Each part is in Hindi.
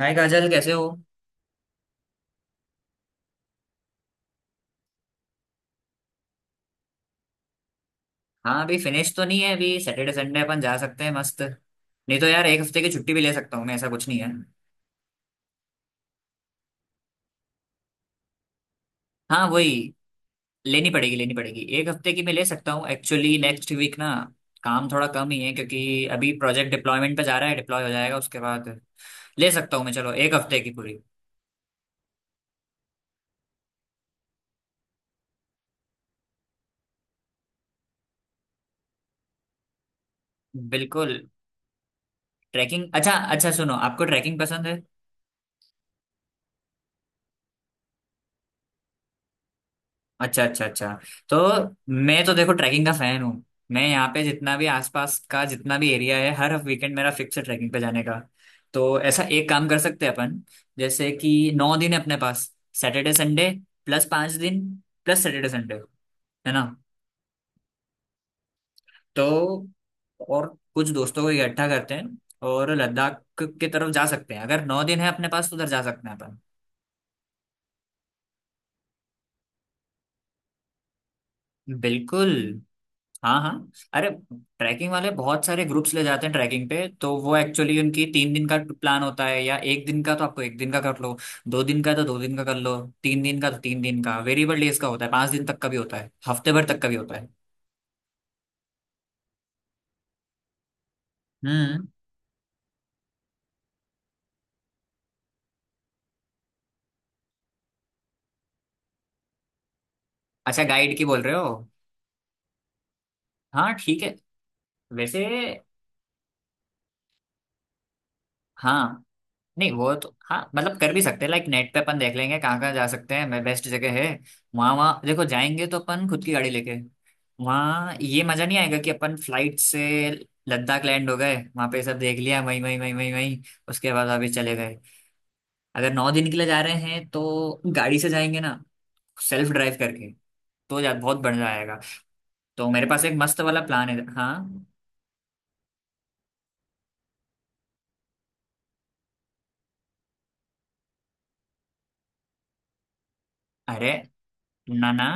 हाय काजल, कैसे हो। हाँ, अभी फिनिश तो नहीं है। अभी सैटरडे संडे अपन जा सकते हैं, मस्त। नहीं तो यार, एक हफ्ते की छुट्टी भी ले सकता हूँ मैं, ऐसा कुछ नहीं है। हाँ, वही। लेनी पड़ेगी लेनी पड़ेगी, एक हफ्ते की मैं ले सकता हूँ एक्चुअली नेक्स्ट वीक ना। काम थोड़ा कम ही है क्योंकि अभी प्रोजेक्ट डिप्लॉयमेंट पे जा रहा है। डिप्लॉय हो जाएगा उसके बाद ले सकता हूँ मैं। चलो, एक हफ्ते की पूरी। बिल्कुल। ट्रैकिंग? अच्छा अच्छा, सुनो, आपको ट्रैकिंग पसंद है? अच्छा अच्छा अच्छा। तो मैं तो देखो ट्रैकिंग का फैन हूँ। मैं यहाँ पे जितना भी आसपास का जितना भी एरिया है, हर वीकेंड मेरा फिक्स है ट्रैकिंग पे जाने का। तो ऐसा एक काम कर सकते हैं अपन, जैसे कि नौ दिन है अपने पास। सैटरडे संडे प्लस पाँच दिन प्लस सैटरडे संडे, है ना। तो और कुछ दोस्तों को इकट्ठा करते हैं और लद्दाख की तरफ जा सकते हैं। अगर नौ दिन है अपने पास तो उधर जा सकते हैं अपन। बिल्कुल। हाँ हाँ, अरे, ट्रैकिंग वाले बहुत सारे ग्रुप्स ले जाते हैं ट्रैकिंग पे। तो वो एक्चुअली उनकी तीन दिन का प्लान होता है या एक दिन का। तो आपको एक दिन का कर लो, दो दिन का तो दो दिन का कर लो, तीन दिन का तो तीन दिन का। वेरिएबल डेज का होता है, पांच दिन तक का भी होता है, हफ्ते भर तक का भी होता है। हम्म। अच्छा, गाइड की बोल रहे हो? हाँ ठीक है। वैसे हाँ, नहीं वो तो, हाँ मतलब कर भी सकते हैं, लाइक नेट पे अपन देख लेंगे कहाँ कहाँ जा सकते हैं। मैं, बेस्ट जगह है वहाँ वहाँ। देखो, जाएंगे तो अपन खुद की गाड़ी लेके। वहाँ ये मजा नहीं आएगा कि अपन फ्लाइट से लद्दाख लैंड हो गए, वहाँ पे सब देख लिया वहीं वहीं वहीं वहीं वहीं, उसके बाद वापस चले गए। अगर नौ दिन के लिए जा रहे हैं तो गाड़ी से जाएंगे ना, सेल्फ ड्राइव करके। तो जा बहुत बढ़िया आएगा। तो मेरे पास एक मस्त वाला प्लान है। हाँ, अरे, ना ना,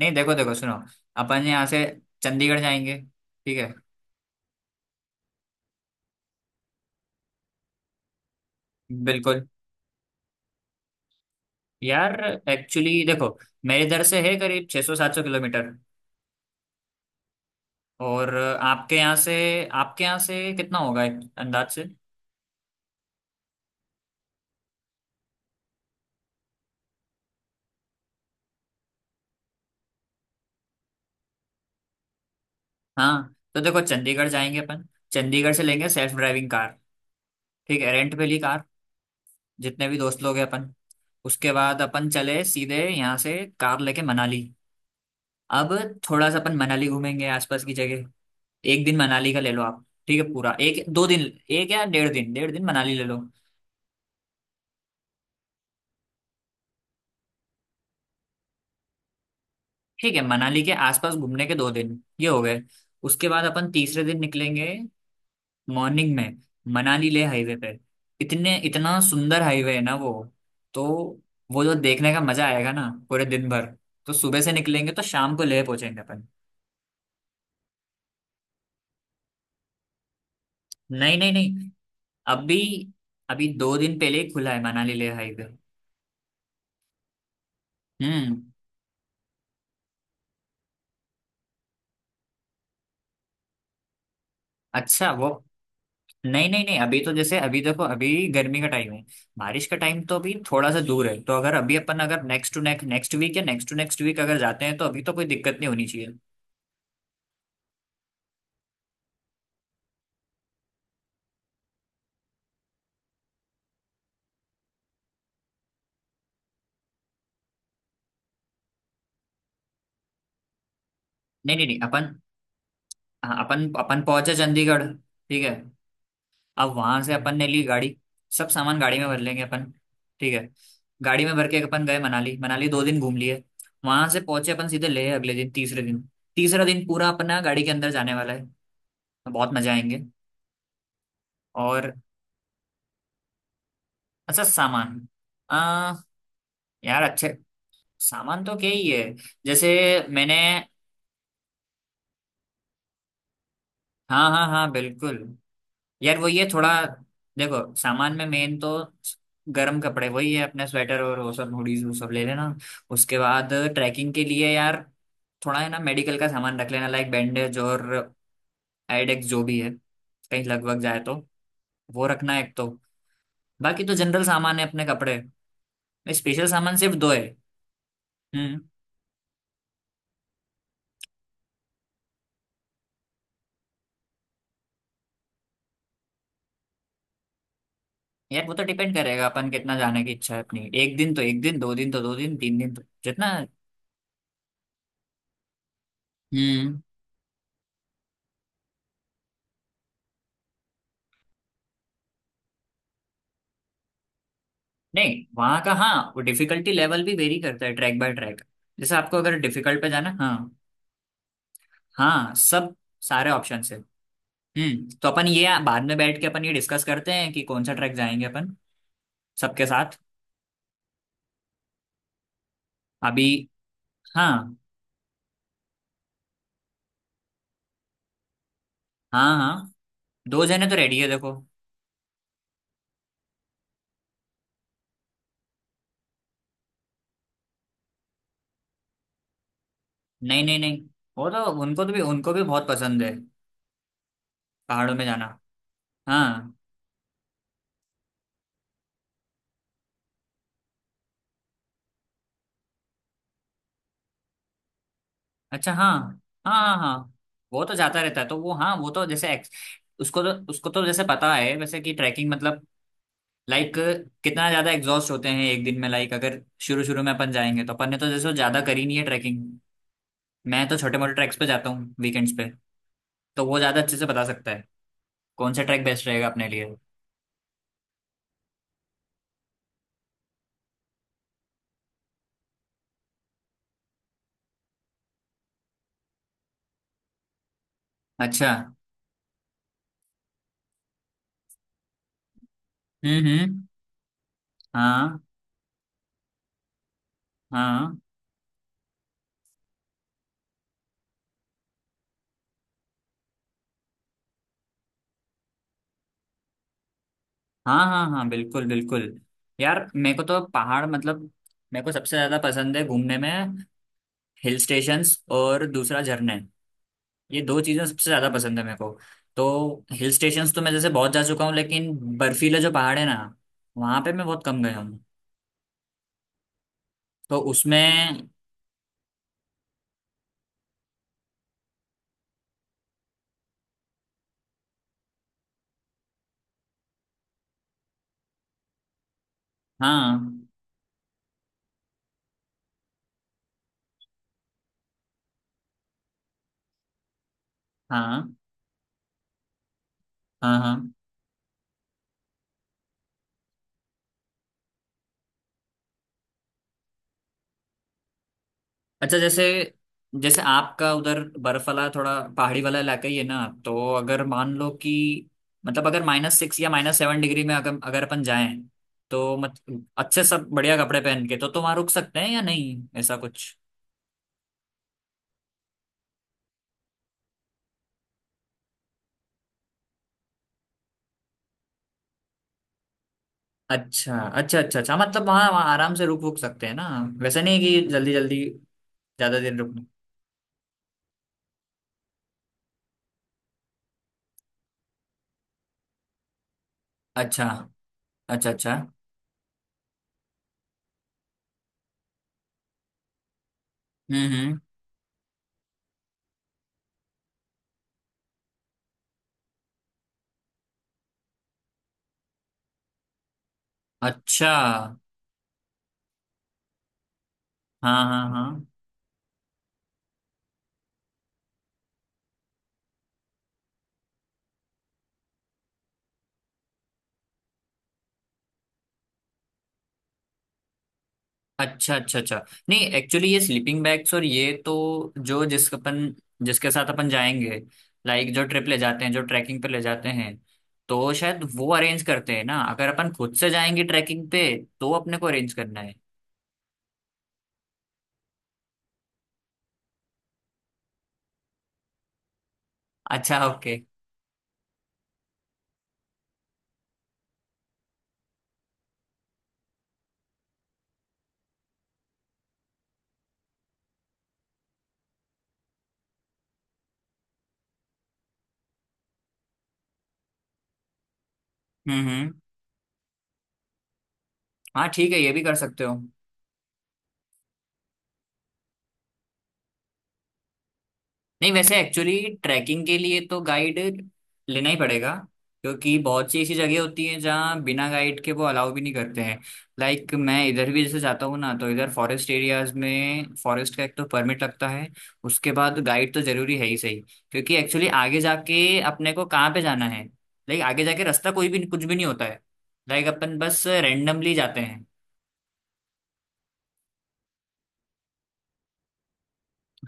नहीं देखो देखो सुनो, अपन यहाँ से चंडीगढ़ जाएंगे, ठीक है। बिल्कुल। यार, एक्चुअली देखो, मेरे इधर से है करीब 600 सौ सात सौ किलोमीटर। और आपके यहाँ से, आपके यहाँ से कितना होगा एक अंदाज से? हाँ तो देखो, चंडीगढ़ जाएंगे अपन। चंडीगढ़ से लेंगे सेल्फ ड्राइविंग कार, ठीक है, रेंट पे ली कार, जितने भी दोस्त लोग हैं अपन। उसके बाद अपन चले सीधे यहाँ से कार लेके मनाली। अब थोड़ा सा अपन मनाली घूमेंगे, आसपास की जगह। एक दिन मनाली का ले लो आप, ठीक है, पूरा एक दो दिन, एक या डेढ़ दिन, डेढ़ दिन मनाली ले लो। ठीक है, मनाली के आसपास घूमने के दो दिन ये हो गए। उसके बाद अपन तीसरे दिन निकलेंगे मॉर्निंग में, मनाली ले हाईवे पे। इतने, इतना सुंदर हाईवे है ना वो। तो वो जो देखने का मजा आएगा ना, पूरे दिन भर। तो सुबह से निकलेंगे तो शाम को लेह पहुंचेंगे अपन। नहीं नहीं नहीं, अभी, अभी दो दिन पहले ही खुला है मनाली ले हाईवे। हम्म। अच्छा वो, नहीं नहीं नहीं, अभी तो जैसे, अभी देखो, अभी गर्मी का टाइम है। बारिश का टाइम तो अभी थोड़ा सा दूर है। तो अगर अभी अपन अगर next to next next week या नेक्स्ट टू नेक्स्ट वीक अगर जाते हैं तो अभी तो कोई दिक्कत नहीं होनी चाहिए। नहीं नहीं नहीं, अपन, हाँ, अपन अपन पहुंचे चंडीगढ़, ठीक है। अब वहां से अपन ने ली गाड़ी, सब सामान गाड़ी में भर लेंगे अपन। ठीक है, गाड़ी में भर के अपन गए मनाली। मनाली दो दिन घूम लिए, वहां से पहुंचे अपन सीधे लेह अगले दिन, तीसरे दिन। तीसरा दिन पूरा अपना गाड़ी के अंदर जाने वाला है। बहुत मजा आएंगे। और, अच्छा, सामान। यार, अच्छे, सामान तो क्या ही है। जैसे, मैंने, हाँ हाँ हाँ, बिल्कुल। यार वो ये थोड़ा, देखो, सामान में मेन तो गर्म कपड़े, वही है, अपने स्वेटर और वो सब, हुडीज वो सब ले लेना। उसके बाद ट्रैकिंग के लिए यार, थोड़ा है ना मेडिकल का सामान रख लेना, लाइक बैंडेज, और आइडेक्स, जो भी है कहीं लगभग जाए तो। वो रखना एक तो। बाकी तो जनरल सामान है, अपने कपड़े। स्पेशल सामान सिर्फ दो है। हम्म। यार वो तो डिपेंड करेगा, अपन कितना जाने की इच्छा है अपनी। एक दिन तो एक दिन, दो दिन तो दो दिन, तीन दिन तो जितना। हम्म। नहीं, वहां का हाँ, वो डिफिकल्टी लेवल भी वेरी करता है ट्रैक बाय ट्रैक। जैसे आपको अगर डिफिकल्ट पे जाना। हाँ, हाँ सब, सारे ऑप्शन है। हम्म, तो अपन ये बाद में बैठ के अपन ये डिस्कस करते हैं कि कौन सा ट्रैक जाएंगे अपन, सबके साथ। अभी। हाँ हाँ हाँ, दो जने तो रेडी है देखो। नहीं नहीं नहीं, वो तो उनको तो, भी उनको भी बहुत पसंद है पहाड़ों में जाना। हाँ। अच्छा। हाँ हाँ हाँ, हाँ वो तो जाता रहता है, तो वो हाँ वो तो जैसे उसको तो, उसको तो जैसे पता है वैसे कि ट्रैकिंग मतलब, लाइक, कितना ज्यादा एग्जॉस्ट होते हैं एक दिन में। लाइक, अगर शुरू शुरू में अपन जाएंगे तो अपन ने तो जैसे ज्यादा करी नहीं है ट्रैकिंग। मैं तो छोटे मोटे ट्रैक्स पे जाता हूँ वीकेंड्स पे। तो वो ज्यादा अच्छे से बता सकता है कौन सा ट्रैक बेस्ट रहेगा अपने लिए। अच्छा। हम्म। हाँ। हाँ हाँ, हाँ हाँ, बिल्कुल बिल्कुल। यार मेरे को तो पहाड़ मतलब, मेरे को सबसे ज्यादा पसंद है घूमने में, हिल स्टेशंस और दूसरा झरने। ये दो चीज़ें सबसे ज़्यादा पसंद है मेरे को। तो हिल स्टेशंस तो मैं जैसे बहुत जा चुका हूँ लेकिन बर्फीले जो पहाड़ है ना, वहाँ पे मैं बहुत कम गया हूँ। तो उसमें। हाँ हाँ हाँ हाँ। अच्छा जैसे, जैसे आपका उधर बर्फ वाला थोड़ा पहाड़ी वाला इलाका ही है ना, तो अगर मान लो कि, मतलब अगर माइनस सिक्स या माइनस सेवन डिग्री में अगर अगर अपन जाएं, तो मत अच्छे सब बढ़िया कपड़े पहन के, तो वहाँ रुक सकते हैं या नहीं, ऐसा कुछ? अच्छा अच्छा अच्छा अच्छा, मतलब वहाँ वहाँ आराम से रुक रुक सकते हैं ना। वैसे नहीं कि जल्दी जल्दी ज्यादा देर रुकना। अच्छा अच्छा अच्छा। हम्म। अच्छा। हाँ हाँ हाँ। अच्छा अच्छा अच्छा। नहीं एक्चुअली ये स्लीपिंग बैग्स और ये तो, जो जिस अपन, जिसके साथ अपन जाएंगे, लाइक जो ट्रिप ले जाते हैं, जो ट्रैकिंग पे ले जाते हैं, तो शायद वो अरेंज करते हैं ना। अगर अपन खुद से जाएंगे ट्रैकिंग पे तो अपने को अरेंज करना है। अच्छा ओके। हम्म। हाँ ठीक है, ये भी कर सकते हो। नहीं, वैसे एक्चुअली ट्रैकिंग के लिए तो गाइड लेना ही पड़ेगा, क्योंकि बहुत सी ऐसी जगह होती हैं जहाँ बिना गाइड के वो अलाउ भी नहीं करते हैं। मैं इधर भी जैसे जाता हूँ ना, तो इधर फॉरेस्ट एरियाज में फॉरेस्ट का एक तो परमिट लगता है, उसके बाद गाइड तो जरूरी है ही सही। क्योंकि एक्चुअली आगे जाके अपने को कहाँ पे जाना है, लाइक आगे जाके रास्ता कोई भी कुछ भी नहीं होता है। लाइक अपन बस रेंडमली जाते हैं।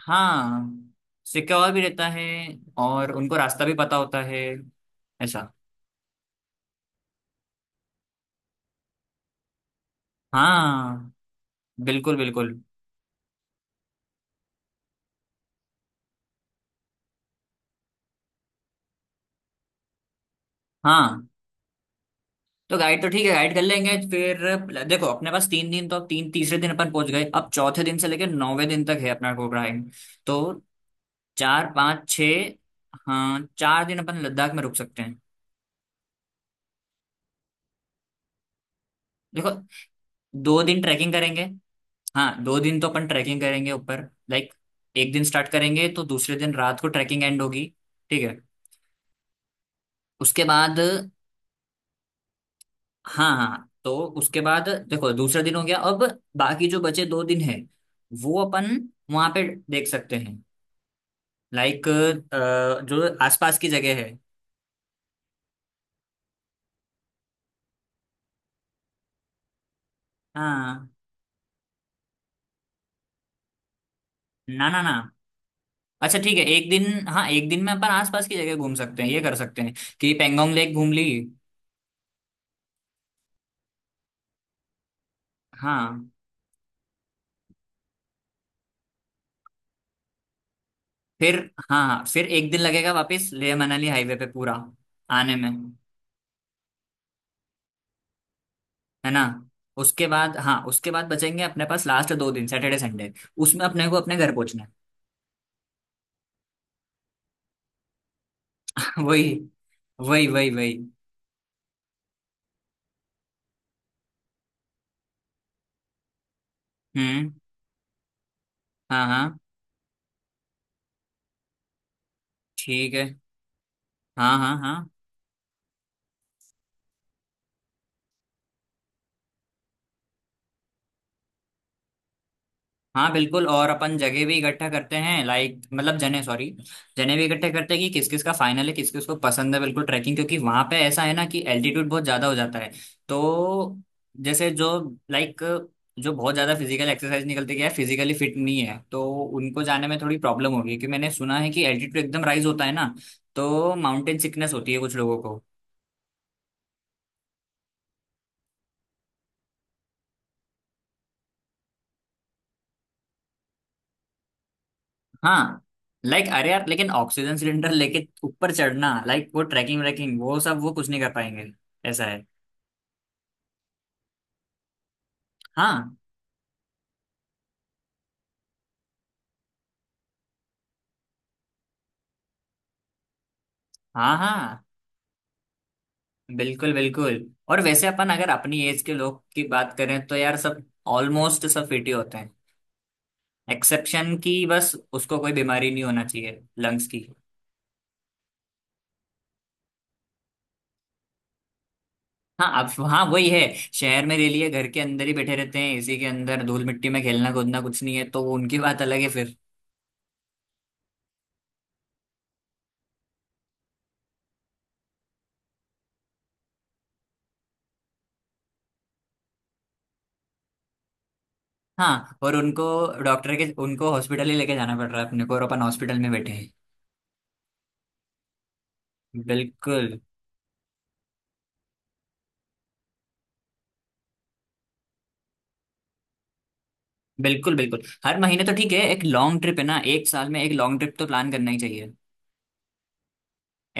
हाँ, सिक्का और भी रहता है, और उनको रास्ता भी पता होता है ऐसा। हाँ, बिल्कुल बिल्कुल। हाँ तो गाइड तो ठीक है, गाइड कर लेंगे। फिर देखो, अपने पास तीन दिन तो, अब तीन तीसरे दिन अपन पहुंच गए। अब चौथे दिन से लेकर नौवे दिन तक है अपना टूर गाइड। तो चार पाँच छ, हाँ, चार दिन अपन लद्दाख में रुक सकते हैं। देखो, दो दिन ट्रैकिंग करेंगे, हाँ दो दिन तो अपन ट्रैकिंग करेंगे ऊपर। लाइक एक दिन स्टार्ट करेंगे तो दूसरे दिन रात को ट्रैकिंग एंड होगी, ठीक है। उसके बाद, हाँ हाँ, तो उसके बाद देखो दूसरा दिन हो गया अब। बाकी जो बचे दो दिन है, वो अपन वहां पे देख सकते हैं, लाइक जो आसपास की जगह है। हाँ, ना ना ना, अच्छा ठीक है, एक दिन, हाँ एक दिन में अपन आसपास की जगह घूम सकते हैं, ये कर सकते हैं कि पेंगोंग लेक घूम ली। हाँ। फिर, हाँ हाँ, फिर एक दिन लगेगा वापस लेह मनाली हाईवे पे पूरा आने में, है ना। उसके बाद, हाँ उसके बाद बचेंगे अपने पास लास्ट दो दिन सैटरडे संडे, उसमें अपने को अपने घर पहुंचना है। वही, वही वही वही। हम्म। हाँ हाँ ठीक है। हाँ हाँ हाँ। हाँ बिल्कुल, और अपन जगह भी इकट्ठा करते हैं, लाइक मतलब जने, सॉरी, जने भी इकट्ठे करते हैं कि किस किस का फाइनल है, किस किस को पसंद है बिल्कुल ट्रैकिंग। क्योंकि वहां पे ऐसा है ना कि एल्टीट्यूड बहुत ज्यादा हो जाता है। तो जैसे जो, लाइक, जो बहुत ज्यादा फिजिकल एक्सरसाइज निकलते क्या है, फिजिकली फिट नहीं है तो उनको जाने में थोड़ी प्रॉब्लम होगी। क्योंकि मैंने सुना है कि एल्टीट्यूड एकदम राइज होता है ना, तो माउंटेन सिकनेस होती है कुछ लोगों को। हाँ, लाइक अरे यार, लेकिन ऑक्सीजन सिलेंडर लेके ऊपर चढ़ना, लाइक वो ट्रैकिंग व्रैकिंग वो सब, वो कुछ नहीं कर पाएंगे ऐसा है। हाँ हाँ हाँ, बिल्कुल बिल्कुल। और वैसे अपन अगर अपनी एज के लोग की बात करें तो यार सब ऑलमोस्ट सब फिट ही होते हैं। एक्सेप्शन की बस, उसको कोई बीमारी नहीं होना चाहिए लंग्स की। हाँ अब, हाँ वही है, शहर में रह लिए घर के अंदर ही बैठे रहते हैं, इसी के अंदर धूल मिट्टी में खेलना कूदना कुछ नहीं है, तो उनकी बात अलग है। हाँ और उनको, डॉक्टर के, उनको हॉस्पिटल ही लेके जाना पड़ रहा है, अपने को और अपन हॉस्पिटल में बैठे हैं। बिल्कुल। बिल्कुल बिल्कुल, हर महीने तो ठीक है, एक लॉन्ग ट्रिप है ना, एक साल में एक लॉन्ग ट्रिप तो प्लान करना ही चाहिए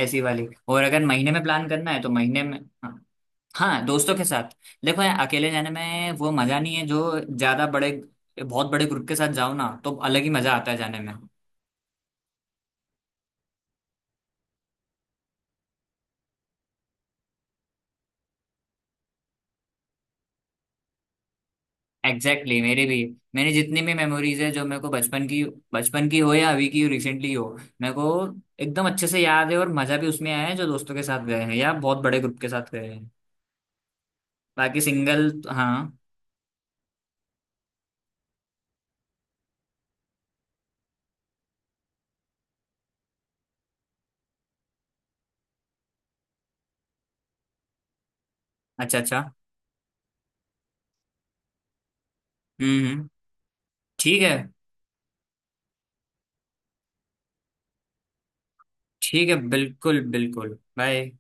ऐसी वाली। और अगर महीने में प्लान करना है तो महीने में हाँ। हाँ, दोस्तों के साथ। देखो यार अकेले जाने में वो मजा नहीं है, जो ज्यादा बड़े, बहुत बड़े ग्रुप के साथ जाओ ना तो अलग ही मजा आता है जाने में। एग्जैक्टली exactly, मेरे भी, मैंने जितनी भी मेमोरीज है जो मेरे को, बचपन की, बचपन की हो या अभी की रिसेंटली हो, मेरे को एकदम अच्छे से याद है और मजा भी उसमें आया है जो दोस्तों के साथ गए हैं या बहुत बड़े ग्रुप के साथ गए हैं। बाकी सिंगल, हाँ। अच्छा अच्छा। हम्म। ठीक है। ठीक है, बिल्कुल बिल्कुल, बाय।